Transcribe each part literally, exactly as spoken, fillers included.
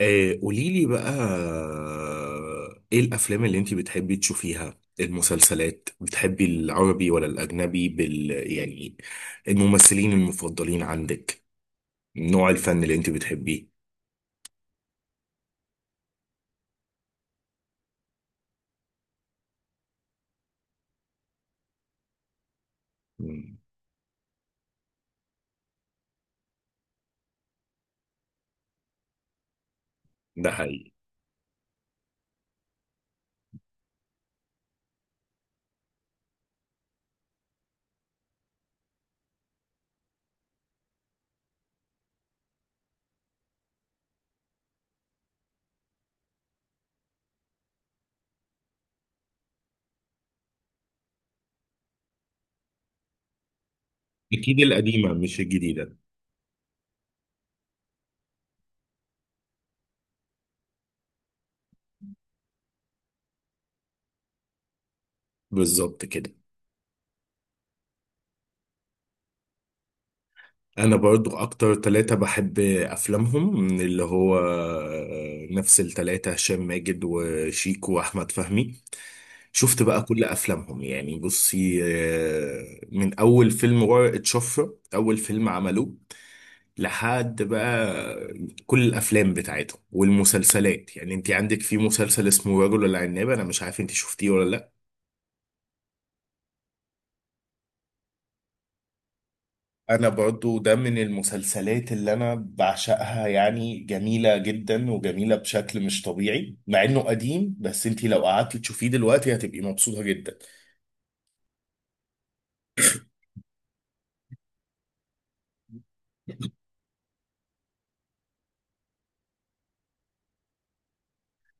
آه، قوليلي بقى آه، ايه الافلام اللي انت بتحبي تشوفيها؟ المسلسلات بتحبي العربي ولا الاجنبي بال يعني؟ الممثلين المفضلين عندك؟ نوع الفن اللي انت بتحبيه؟ مم، ده حقيقي. اكيد القديمة مش الجديدة. بالظبط كده. انا برضو اكتر ثلاثة بحب افلامهم، من اللي هو نفس الثلاثة، هشام ماجد وشيكو واحمد فهمي. شفت بقى كل افلامهم، يعني بصي، آه، من اول فيلم ورقة شفرة، اول فيلم عملوه لحد بقى، كل الافلام بتاعتهم والمسلسلات. يعني انت عندك في مسلسل اسمه رجل العناب، انا مش عارف انت شفتيه ولا لا. انا برضو ده من المسلسلات اللي انا بعشقها، يعني جميلة جدا وجميلة بشكل مش طبيعي، مع انه قديم، بس انتي لو قعدتي تشوفيه دلوقتي هتبقي مبسوطة جدا.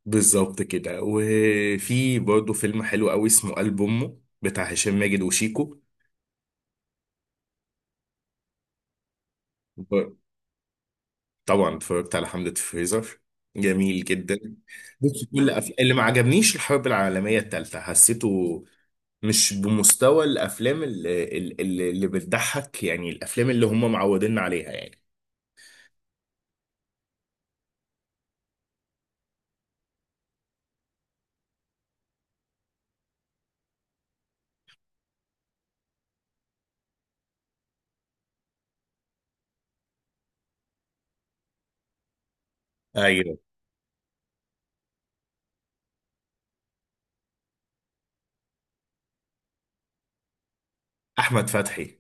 بالظبط كده. وفي برضو فيلم حلو قوي اسمه قلب امه، بتاع هشام ماجد وشيكو. طبعا اتفرجت على حملة فريزر. جميل جدا. بص، كل مم. أف... اللي ما عجبنيش الحرب العالمية التالتة، حسيته مش بمستوى الأفلام اللي, اللي, اللي بتضحك، يعني الأفلام اللي هم معوديننا عليها يعني. أيوه. أحمد فتحي.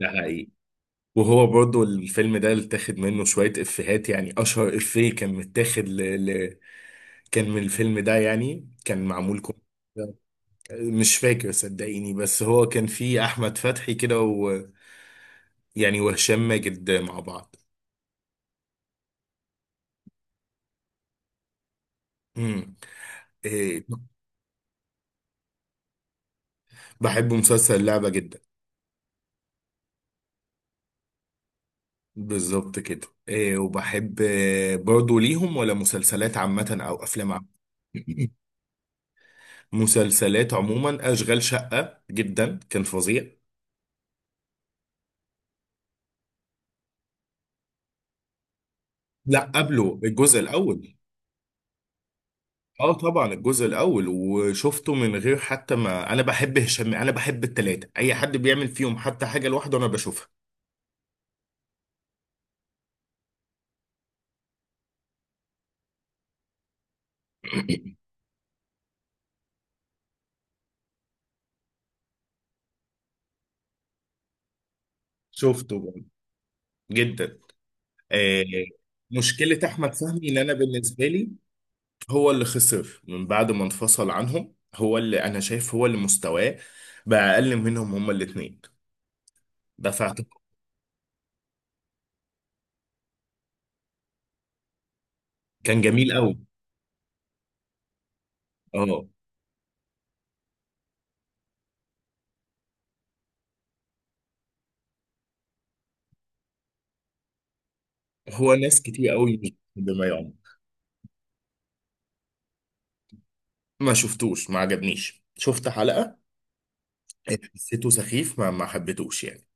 ده حقيقي. وهو برضو الفيلم ده اللي اتاخد منه شوية إفيهات، يعني أشهر إفيه كان متاخد ل... ل... كان من الفيلم ده، يعني كان معمول كوميدي. مش فاكر صدقيني، بس هو كان فيه احمد فتحي كده و... يعني، وهشام ماجد مع بعض. امم. إيه. بحب مسلسل اللعبة جدا. بالظبط كده. إيه، وبحب آه، برضو ليهم، ولا مسلسلات عامة او افلام عامة؟ مسلسلات عموما. اشغال شقة جدا كان فظيع. لا، قبله الجزء الاول. اه، طبعا الجزء الاول، وشفته من غير حتى، ما انا بحب هشام، انا بحب التلاتة، اي حد بيعمل فيهم حتى حاجة لوحده انا بشوفها. شفته برضه. جدا. آه، مشكلة أحمد فهمي، إن أنا بالنسبة لي، هو اللي خسر من بعد ما انفصل عنهم، هو اللي أنا شايف هو اللي مستواه بقى أقل منهم هما الاتنين. ده فاعتقد. كان جميل أوي. أه. هو ناس كتير أوي مش بما يعمل. ما شفتوش، ما عجبنيش، شفت حلقة، حسيته سخيف، ما ما حبيتوش يعني.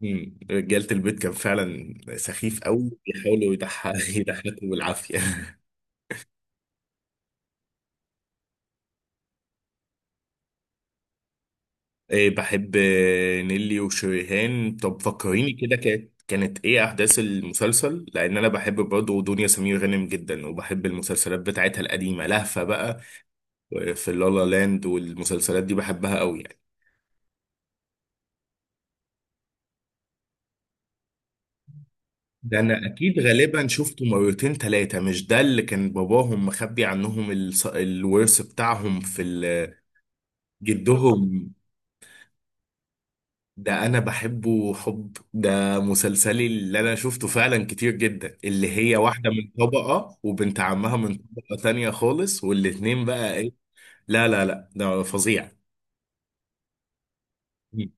مم. رجالة البيت كان فعلا سخيف أوي، بيحاولوا يضحك- يضحكوا بالعافية. إيه، بحب آه، نيلي وشريهان. طب فكريني كده، كانت كانت ايه احداث المسلسل؟ لان انا بحب برضه دنيا سمير غانم جدا، وبحب المسلسلات بتاعتها القديمه لهفه بقى، في لالا لاند، والمسلسلات دي بحبها قوي يعني. ده انا اكيد غالبا شفته مرتين ثلاثه. مش ده اللي كان باباهم مخبي عنهم الص- الورث بتاعهم في ال- جدهم؟ ده انا بحبه حب، ده مسلسلي اللي انا شفته فعلا كتير جدا، اللي هي واحدة من طبقة وبنت عمها من طبقة تانية خالص، والاتنين بقى ايه. لا لا لا، ده فظيع. مم.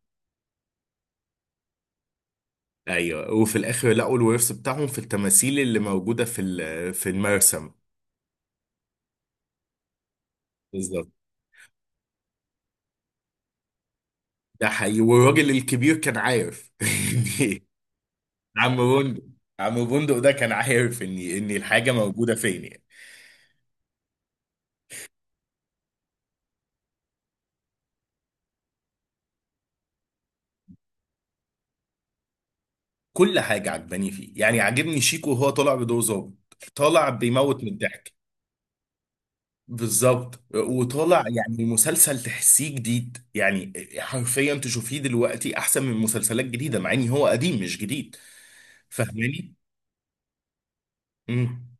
ايوه، وفي الاخر لقوا الورث بتاعهم في التماثيل اللي موجودة في ال- في المرسم. بالظبط. ده حقيقي. والراجل الكبير كان عارف. عم بندق. عم بندق ده كان عارف ان ان الحاجة موجودة فين يعني. كل حاجة عجباني فيه، يعني عاجبني شيكو وهو طالع بدور ظابط، طالع بيموت من الضحك. بالظبط، وطالع يعني مسلسل تحسيه جديد يعني. حرفيا تشوفيه دلوقتي احسن من مسلسلات جديدة، مع ان هو قديم مش جديد. فاهماني؟ امم.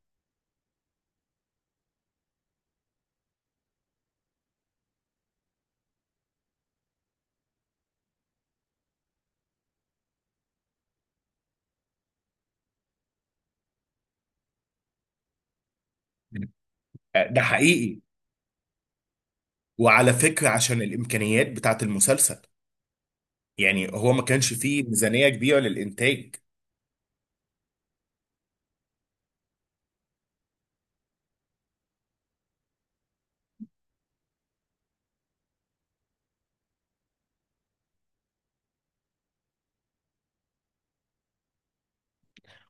ده حقيقي. وعلى فكرة، عشان الامكانيات بتاعت المسلسل، يعني هو ما كانش فيه ميزانية كبيرة للانتاج.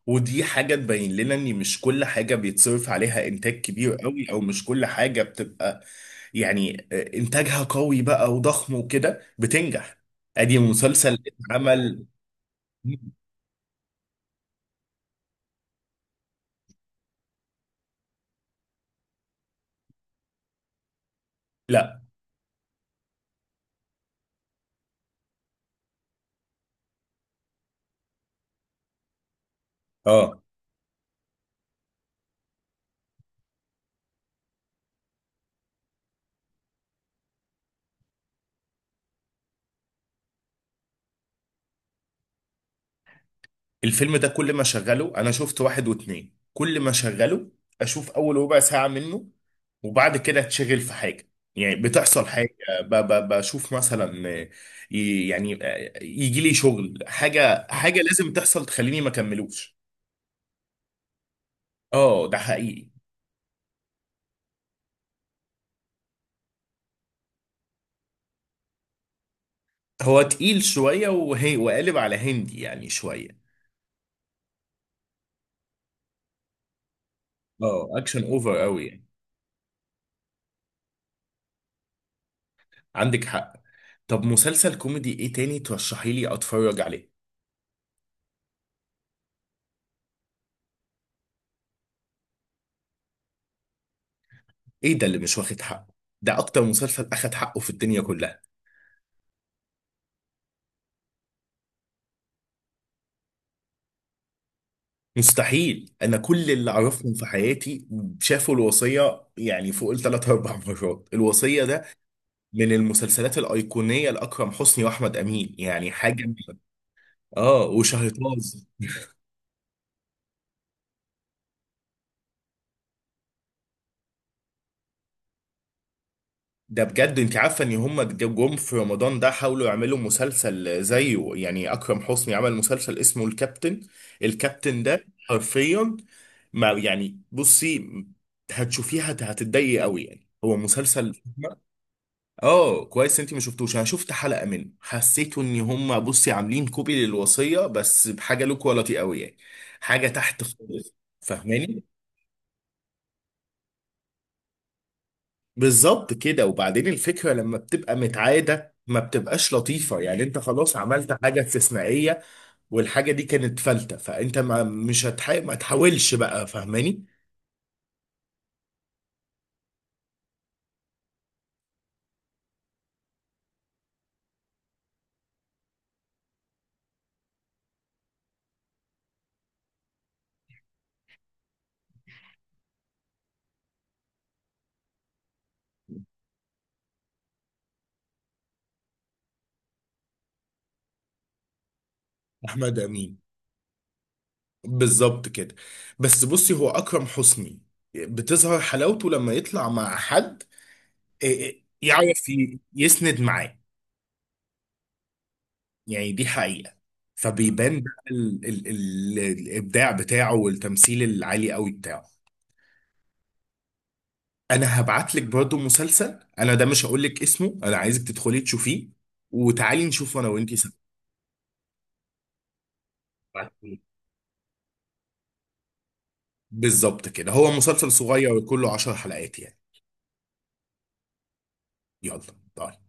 ودي حاجة تبين لنا ان مش كل حاجة بيتصرف عليها انتاج كبير قوي، او مش كل حاجة بتبقى يعني آه، انتاجها قوي بقى وضخم وكده بتنجح. ادي مسلسل اتعمل. لا. اه، الفيلم ده كل ما شغله، انا شفت واحد واتنين، كل ما شغله اشوف اول ربع ساعة منه وبعد كده اتشغل في حاجة، يعني بتحصل حاجة، ب- ب- بشوف مثلا آه، ي- يعني يجي لي شغل حاجة، حاجة لازم تحصل تخليني ما اكملوش. اه، ده حقيقي. هو تقيل شوية، وهي وقالب على هندي يعني شوية. اه، اكشن اوفر قوي يعني. عندك حق. طب مسلسل كوميدي ايه تاني ترشحي لي اتفرج عليه؟ ايه ده اللي مش واخد حقه؟ ده اكتر مسلسل اخد حقه في الدنيا كلها. مستحيل، انا كل اللي اعرفهم في حياتي شافوا الوصية، يعني فوق الثلاث اربع مرات. الوصية ده من المسلسلات الايقونية، لاكرم حسني واحمد امين، يعني حاجة. اه، وشهر. ده بجد، انت عارفه ان هم جم في رمضان ده حاولوا يعملوا مسلسل زيه، يعني اكرم حسني عمل مسلسل اسمه الكابتن. الكابتن ده حرفيا ما يعني، بصي هتشوفيها هت- هتتضايقي قوي يعني، هو مسلسل... اه، كويس انت ما شفتوش. انا شفت حلقه منه، حسيت ان هم، بصي، عاملين كوبي للوصيه بس بحاجه لو كواليتي قوي يعني. حاجه تحت خالص. فاهماني؟ بالظبط كده. وبعدين الفكرة لما بتبقى متعادة ما بتبقاش لطيفة، يعني انت خلاص عملت حاجة استثنائية، والحاجة دي كانت فلتة، فانت ما مش هتح... ما تحاولش بقى، فاهماني؟ احمد امين. بالظبط كده. بس بصي هو اكرم حسني بتظهر حلاوته لما يطلع مع حد، إيه، يعرف ي- يسند معاه. يعني دي حقيقة. فبيبان بقى ال... ال... ال... الابداع بتاعه والتمثيل العالي قوي بتاعه. انا هبعت لك برضه مسلسل، انا ده مش هقول لك اسمه، انا عايزك تدخلي تشوفيه، وتعالي نشوف انا وانتي سوا. بالظبط كده. هو مسلسل صغير، وكله 10 حلقات يعني. يلا، باي.